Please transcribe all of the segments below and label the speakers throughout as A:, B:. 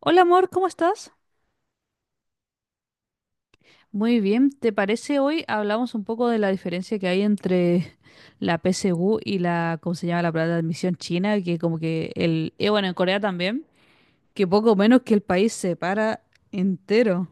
A: Hola amor, ¿cómo estás? Muy bien, ¿te parece hoy hablamos un poco de la diferencia que hay entre la PSU y la, ¿cómo se llama? La plata de admisión china, que como que bueno, en Corea también, que poco menos que el país se para entero.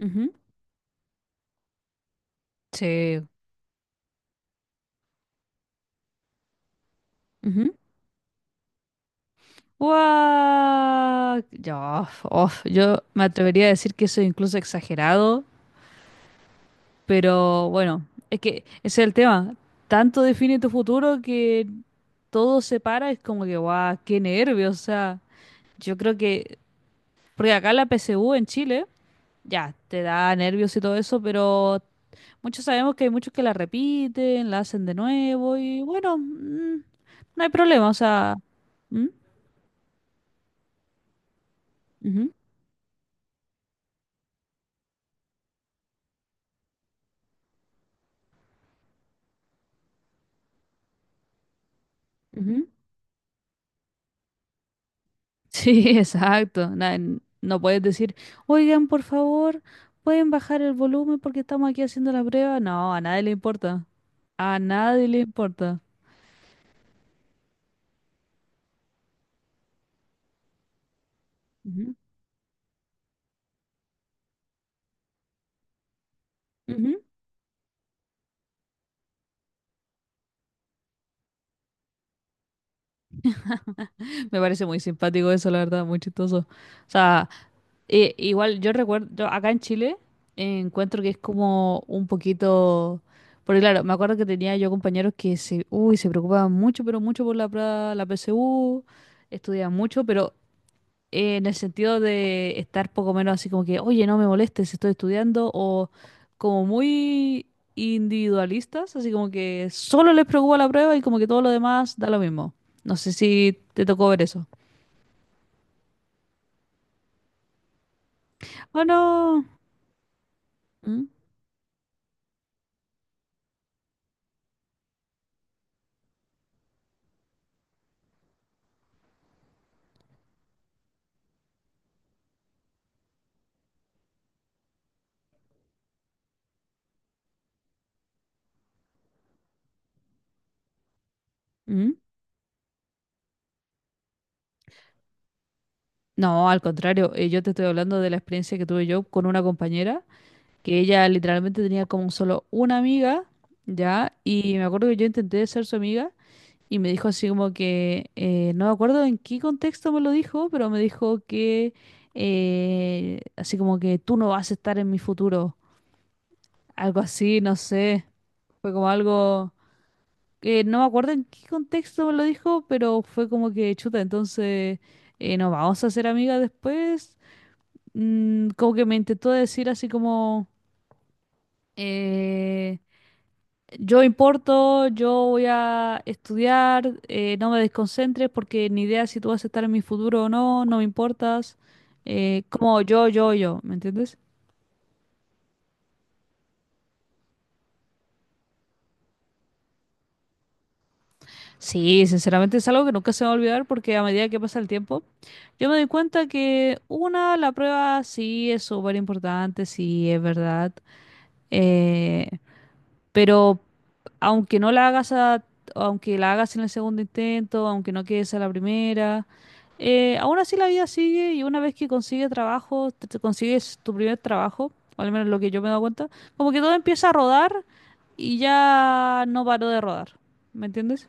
A: Ujú. Sí. Ujú. Guau, yo me atrevería a decir que eso es incluso exagerado, pero bueno, es que ese es el tema. Tanto define tu futuro que todo se para, es como que, guau, qué nervios, o sea, yo creo que, porque acá la PSU en Chile, ya, te da nervios y todo eso, pero muchos sabemos que hay muchos que la repiten, la hacen de nuevo y bueno, no hay problema, o sea, ¿Mm? Ujú, ujú. Sí, exacto, no puedes decir, oigan, por favor, pueden bajar el volumen porque estamos aquí haciendo la prueba, no, a nadie le importa, a nadie le importa. Ujú, ujú. Me parece muy simpático eso, la verdad, muy chistoso. O sea, igual yo recuerdo, yo acá en Chile encuentro que es como un poquito, porque claro, me acuerdo que tenía yo compañeros que se preocupaban mucho, pero mucho por la PSU, estudiaban mucho, pero en el sentido de estar poco menos así como que, oye, no me molestes, estoy estudiando, o como muy individualistas, así como que solo les preocupa la prueba y como que todo lo demás da lo mismo. No sé si te tocó ver eso. Oh, no. ¿Mm? ¿Mm? No, al contrario, yo te estoy hablando de la experiencia que tuve yo con una compañera, que ella literalmente tenía como solo una amiga, ¿ya? Y me acuerdo que yo intenté ser su amiga y me dijo así como que, no me acuerdo en qué contexto me lo dijo, pero me dijo que, así como que tú no vas a estar en mi futuro, algo así, no sé, fue como algo… no me acuerdo en qué contexto me lo dijo, pero fue como que chuta, entonces nos vamos a hacer amigas después. Como que me intentó decir así como, eh, yo importo, yo voy a estudiar, no me desconcentres porque ni idea si tú vas a estar en mi futuro o no, no me importas. Como yo, ¿me entiendes? Sí, sinceramente es algo que nunca se me va a olvidar porque a medida que pasa el tiempo, yo me doy cuenta que una, la prueba sí es súper importante, sí es verdad, eh, pero aunque no la hagas a- aunque la hagas en el segundo intento, aunque no quedes a la primera, aún así la vida sigue y una vez que consigues trabajo, te consigues tu primer trabajo, o al menos lo que yo me he dado cuenta, como que todo empieza a rodar y ya no paró de rodar, ¿me entiendes?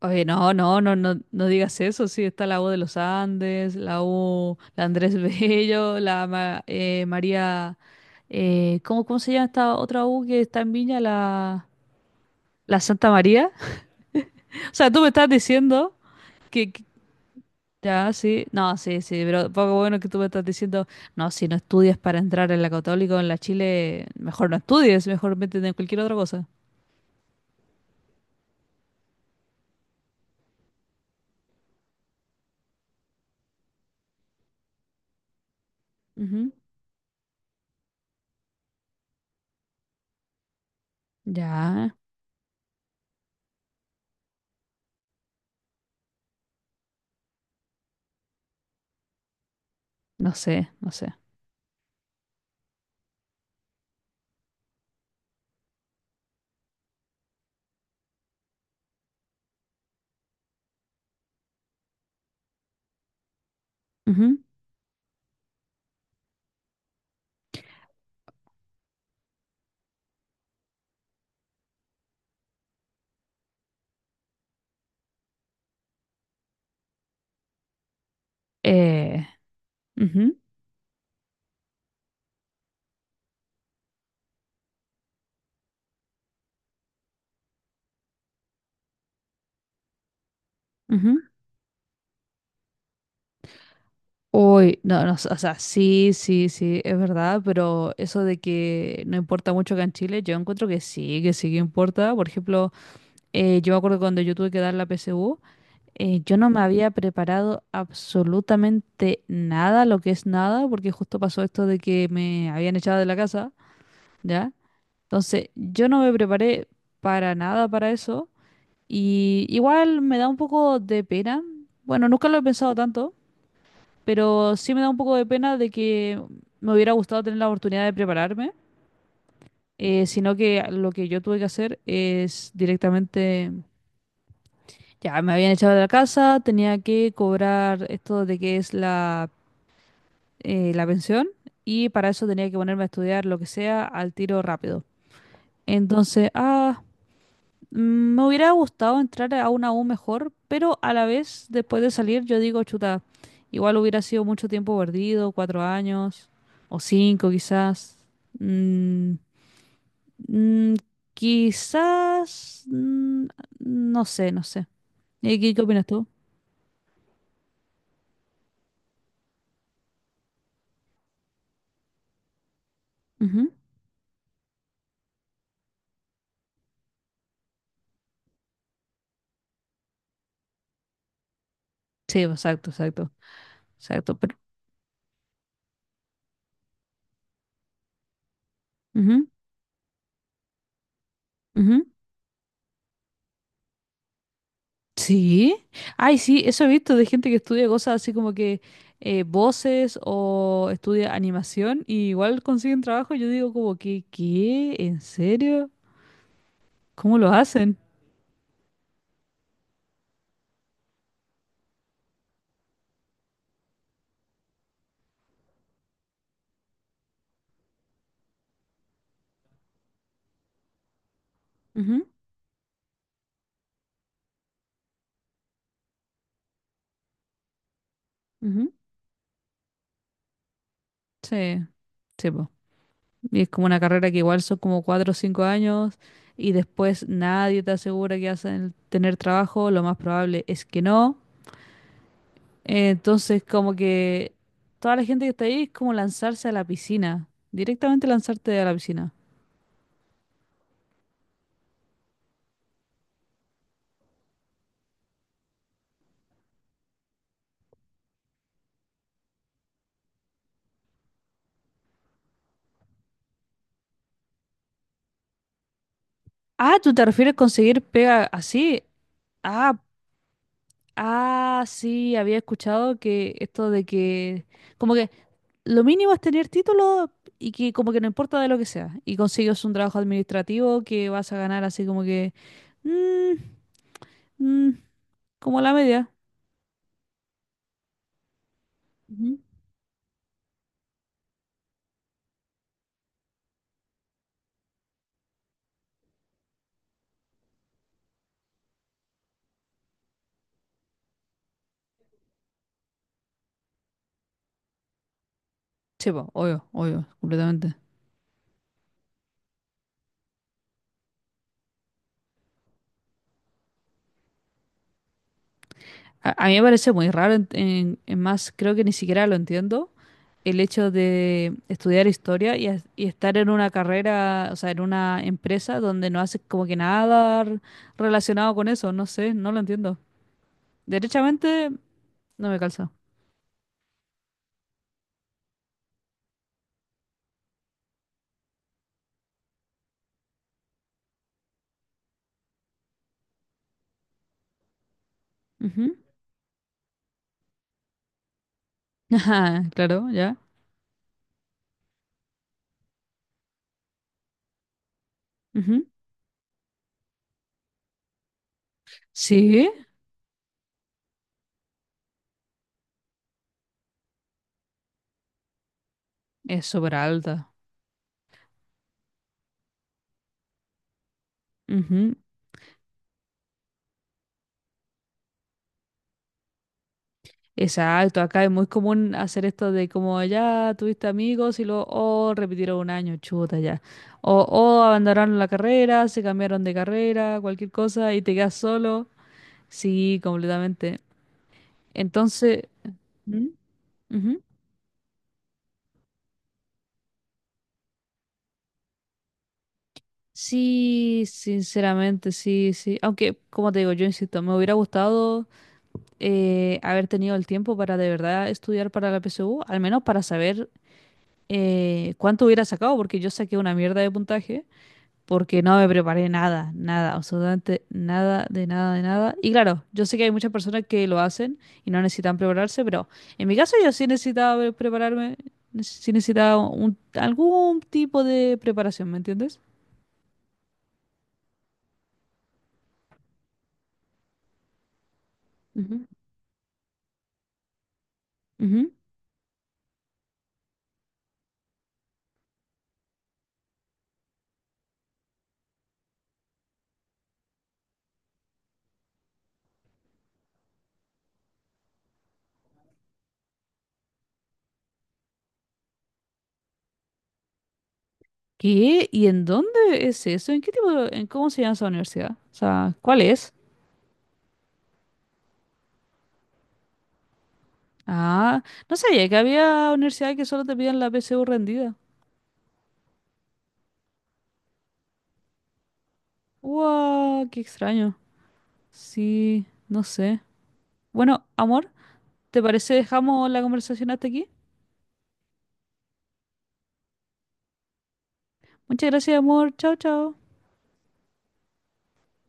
A: Oye, no, no, no, no, no digas eso. Sí, está la U de los Andes, la U, la Andrés Bello, la María. ¿Cómo, se llama esta otra U que está en Viña? la Santa María. O sea, tú me estás diciendo. que, que- Ya, sí. No, sí, sí, pero poco bueno que tú me estás diciendo. No, si no estudias para entrar en la Católica o en la Chile, mejor no estudies, mejor métete en cualquier otra cosa. Ujú. Ya, no sé, no sé. Ujú. Eh, ujú, ujú. Uy, no, no, o sea, sí, sí, sí, es verdad, pero eso de que no importa mucho acá en Chile, yo encuentro que sí, que sí que importa. Por ejemplo, yo me acuerdo cuando yo tuve que dar la PSU, yo no me había preparado absolutamente nada, lo que es nada, porque justo pasó esto de que me habían echado de la casa, ¿ya? Entonces, yo no me preparé para nada para eso, y igual me da un poco de pena. Bueno, nunca lo he pensado tanto, pero sí me da un poco de pena de que me hubiera gustado tener la oportunidad de prepararme, sino que lo que yo tuve que hacer es directamente, ya me habían echado de la casa, tenía que cobrar esto de que es la pensión y para eso tenía que ponerme a estudiar lo que sea al tiro rápido. Entonces, me hubiera gustado entrar a una U mejor, pero a la vez, después de salir, yo digo, chuta, igual hubiera sido mucho tiempo perdido, cuatro años, o cinco quizás. Mm, mm, quizás, no sé, no sé. ¿Y qué opinas tú? Ujú. Sí, exacto, exacto, exacto. Pero, ujú, ujú. Sí, ay, sí, eso he visto de gente que estudia cosas así como que voces o estudia animación y igual consiguen trabajo. Yo digo como que, ¿qué? ¿En serio? ¿Cómo lo hacen? Ujú, ujú. Sí, sí, po. Y es como una carrera que igual son como cuatro o cinco años y después nadie te asegura que hacen tener trabajo, lo más probable es que no. Entonces, como que toda la gente que está ahí es como lanzarse a la piscina, directamente lanzarte a la piscina. Ah, ¿tú te refieres a conseguir pega así? Ah, ah, sí, había escuchado que esto de que como que lo mínimo es tener título y que como que no importa de lo que sea y consigues un trabajo administrativo que vas a ganar así como que mm, mm, como la media. Ujú. Sí, po, obvio, obvio, completamente. A mí me parece muy raro, en más creo que ni siquiera lo entiendo el hecho de estudiar historia y estar en una carrera, o sea, en una empresa donde no haces como que nada relacionado con eso, no sé, no lo entiendo. Derechamente, no me calza. Ujú. Ajá, claro, ya. Ujú. Sí, es súper alta. Ujú. Exacto, acá es muy común hacer esto de como ya tuviste amigos y luego o repitieron un año, chuta ya. O abandonaron la carrera, se cambiaron de carrera, cualquier cosa y te quedas solo. Sí, completamente. Entonces, ¿Mm? Ujú. Sí, sinceramente, sí, sí. Aunque, como te digo, yo insisto, me hubiera gustado haber tenido el tiempo para de verdad estudiar para la PSU, al menos para saber cuánto hubiera sacado, porque yo saqué una mierda de puntaje, porque no me preparé nada, nada, absolutamente nada, de nada, de nada. Y claro, yo sé que hay muchas personas que lo hacen y no necesitan prepararse, pero en mi caso yo sí necesitaba prepararme, sí necesitaba algún tipo de preparación, ¿me entiendes? Ujú. Ujú. ¿Qué? ¿Y en dónde es eso? ¿En qué tipo, en cómo se llama esa universidad? O sea, ¿cuál es? Ah, no sabía que había universidades que solo te piden la PSU rendida. ¡Wow! ¡Qué extraño! Sí, no sé. Bueno, amor. ¿Te parece dejamos la conversación hasta aquí? Muchas gracias, amor. Chao, chao.